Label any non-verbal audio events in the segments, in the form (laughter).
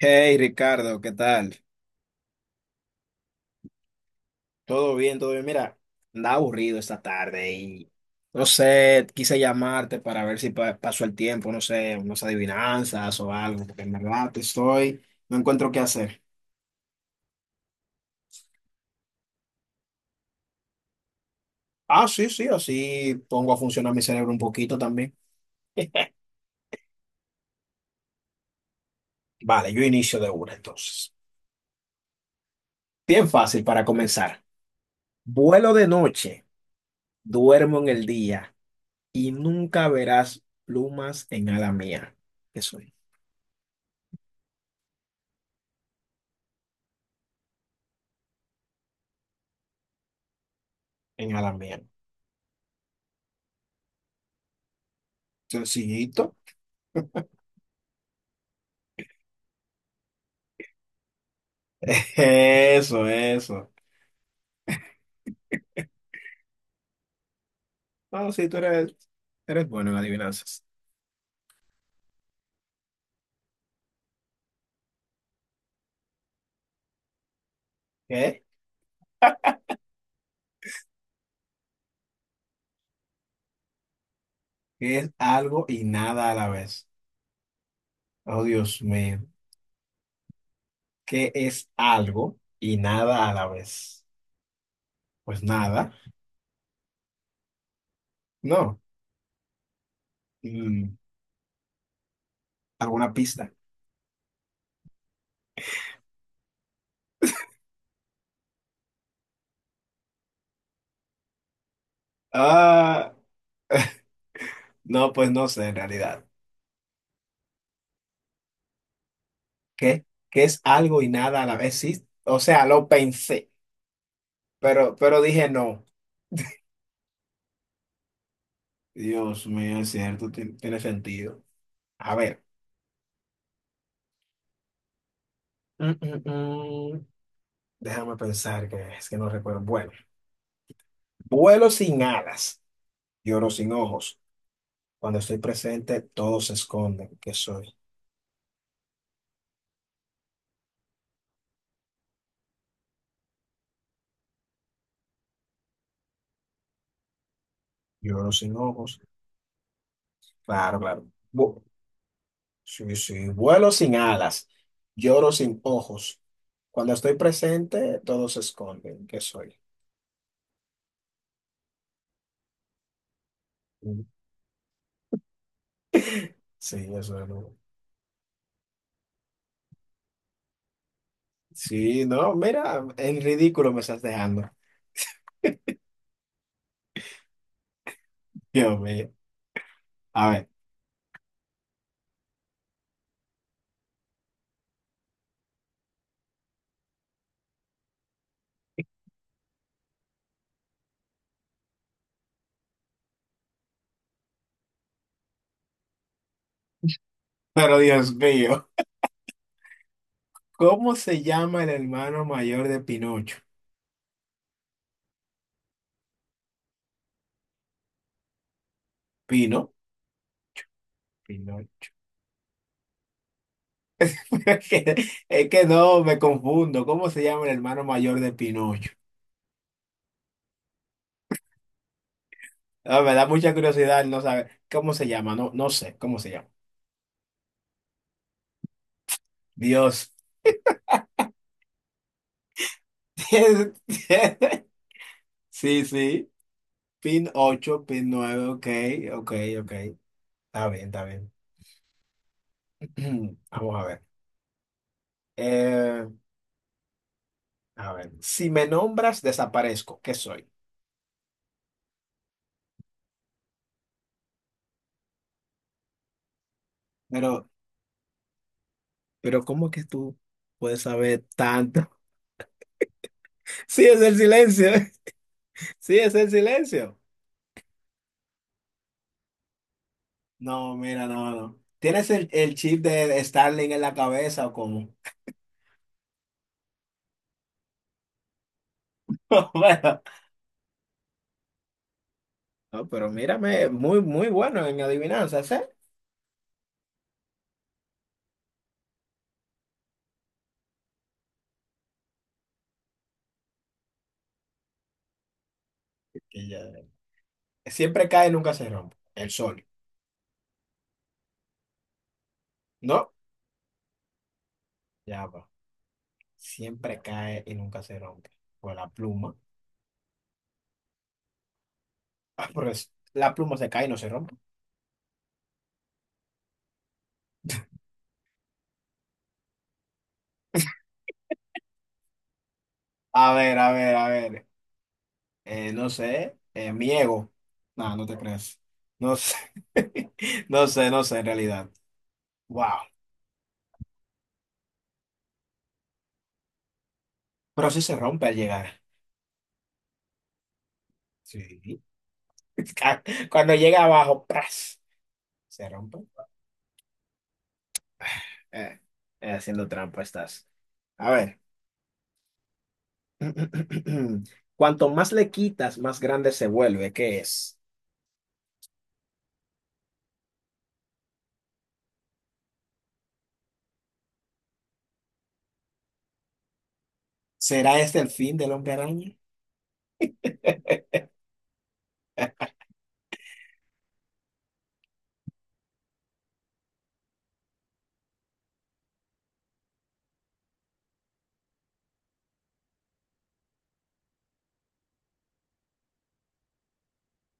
Hey Ricardo, ¿qué tal? ¿Todo bien? ¿Todo bien? Mira, andaba aburrido esta tarde y no sé, quise llamarte para ver si pasó el tiempo, no sé, unas adivinanzas o algo, porque en verdad estoy, no encuentro qué hacer. Ah, sí, sí, así pongo a funcionar mi cerebro un poquito también. (laughs) Vale, yo inicio de una entonces. Bien fácil para comenzar. Vuelo de noche, duermo en el día y nunca verás plumas en ala mía. ¿Qué soy? En ala mía. Sencillito. (laughs) Eso, eso. No, sí, tú eres, eres bueno en adivinanzas. ¿Qué? ¿Qué es algo y nada a la vez? Oh, Dios mío. ¿Qué es algo y nada a la vez? Pues nada. No. Mm, ¿Alguna pista? Ah, no, pues no sé en realidad. ¿Qué? ¿Qué es algo y nada a la vez? Sí, o sea, lo pensé, pero, dije no. Dios mío, es cierto, tiene sentido. A ver. Mm, mm, mm. Déjame pensar que es que no recuerdo. Bueno, vuelo sin alas, lloro sin ojos. Cuando estoy presente, todos se esconden. ¿Qué soy? Lloro sin ojos. Claro, claro. Bu- sí, sí. Vuelo sin alas, lloro sin ojos. Cuando estoy presente, todos se esconden. ¿Qué soy? Mm, sí, eso es. Sí, no, mira, en ridículo me estás dejando. Dios mío. A ver, pero Dios mío, ¿cómo se llama el hermano mayor de Pinocho? Pino. Pinocho. (laughs) Es que, no, me confundo. ¿Cómo se llama el hermano mayor de Pinocho? Ah, me da mucha curiosidad no saber cómo se llama. No, no sé cómo se llama. Dios. (laughs) Sí, sí. Pin 8, pin 9, ok, ok, ok. Está bien, está bien. (clears throat) Vamos a ver. Eh, a ver. Si me nombras, desaparezco. ¿Qué soy? Pero, ¿cómo que tú puedes saber tanto? (laughs) Sí, es el silencio. (laughs) Sí, es el silencio. No, mira, no, no. ¿Tienes el, chip de Starling en la cabeza o cómo? (laughs) Bueno, no, pero mírame, muy, muy bueno en adivinanzas, ¿eh? Que ya- Siempre cae y nunca se rompe. El sol, ¿no? Ya va. Siempre cae y nunca se rompe. Pues la pluma. Ah, pero la pluma se cae y no se rompe. A ver, a ver, a ver. No sé. Mi ego. No, no te creas. No sé. (laughs) No sé, no sé en realidad. Wow. Pero sí se rompe al llegar. Sí. (laughs) Cuando llega abajo, ¡pras! Se rompe. Eh, haciendo trampa estás. A ver. (clears throat) Cuanto más le quitas, más grande se vuelve. ¿Qué es? ¿Será este el fin del hombre araña?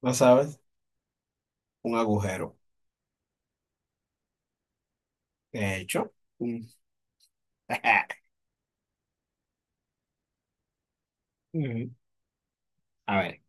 No sabes. Un agujero. De hecho, mm. (laughs) Ujú. A ver.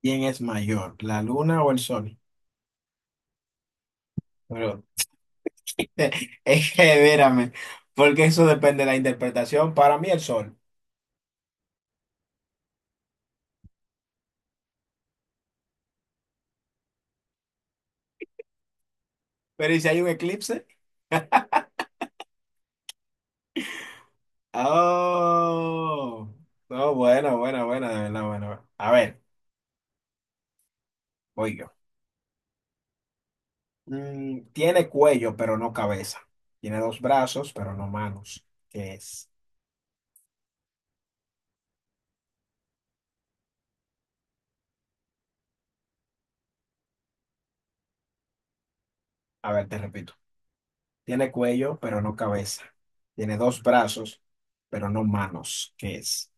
¿Quién es mayor, la luna o el sol? Pero (laughs) es que, vérame, porque eso depende de la interpretación. Para mí, el sol. Pero ¿y si hay un eclipse? Oh, no, buena, buena, buena, de verdad, buena. Buena. A ver, voy yo. Tiene cuello, pero no cabeza. Tiene dos brazos, pero no manos. ¿Qué es? A ver, te repito. Tiene cuello, pero no cabeza. Tiene dos brazos, pero no manos. ¿Qué es?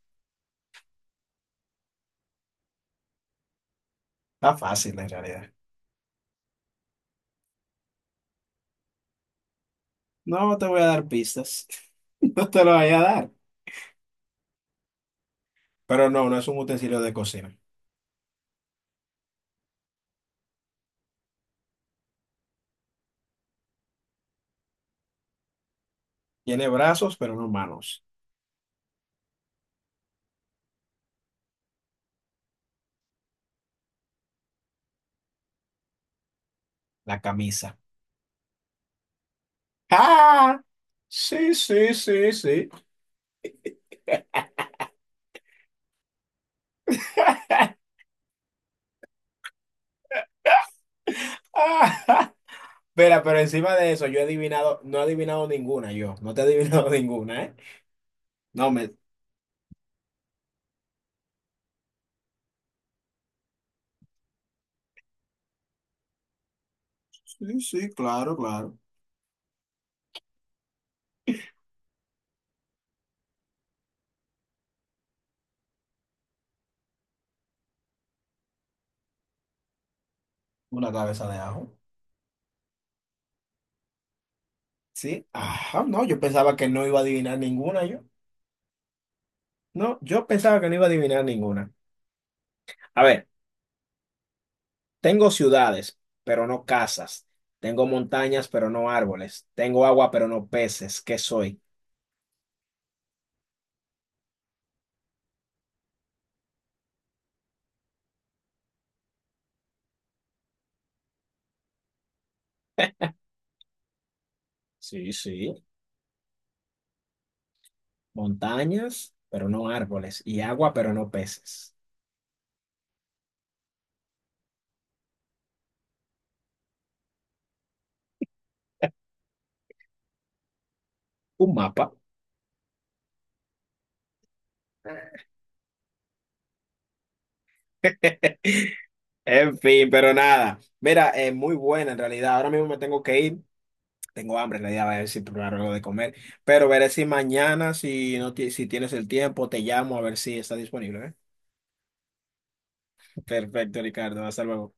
Está fácil en realidad. No te voy a dar pistas. (laughs) No te lo voy a dar. Pero no, no es un utensilio de cocina. Tiene brazos, pero no manos. La camisa. ¡Ah! Sí, sí, sí, sí. Espera, pero encima de eso, yo he adivinado, no he adivinado ninguna, yo. No te he adivinado (laughs) ninguna, ¿eh? No, me. Sí, sí, claro, claro. Una cabeza de ajo. Sí, ajá, no, yo pensaba que no iba a adivinar ninguna, yo. No, yo pensaba que no iba a adivinar ninguna. A ver, tengo ciudades, pero no casas. Tengo montañas, pero no árboles. Tengo agua, pero no peces. ¿Qué soy? Sí, sí. Montañas, pero no árboles. Y agua, pero no peces. Un mapa. En fin, pero nada. Mira, es muy buena en realidad. Ahora mismo me tengo que ir. Tengo hambre, en realidad, voy a ver si probar algo de comer. Pero veré si mañana, si no si tienes el tiempo, te llamo a ver si está disponible, ¿eh? Perfecto, Ricardo. Hasta luego.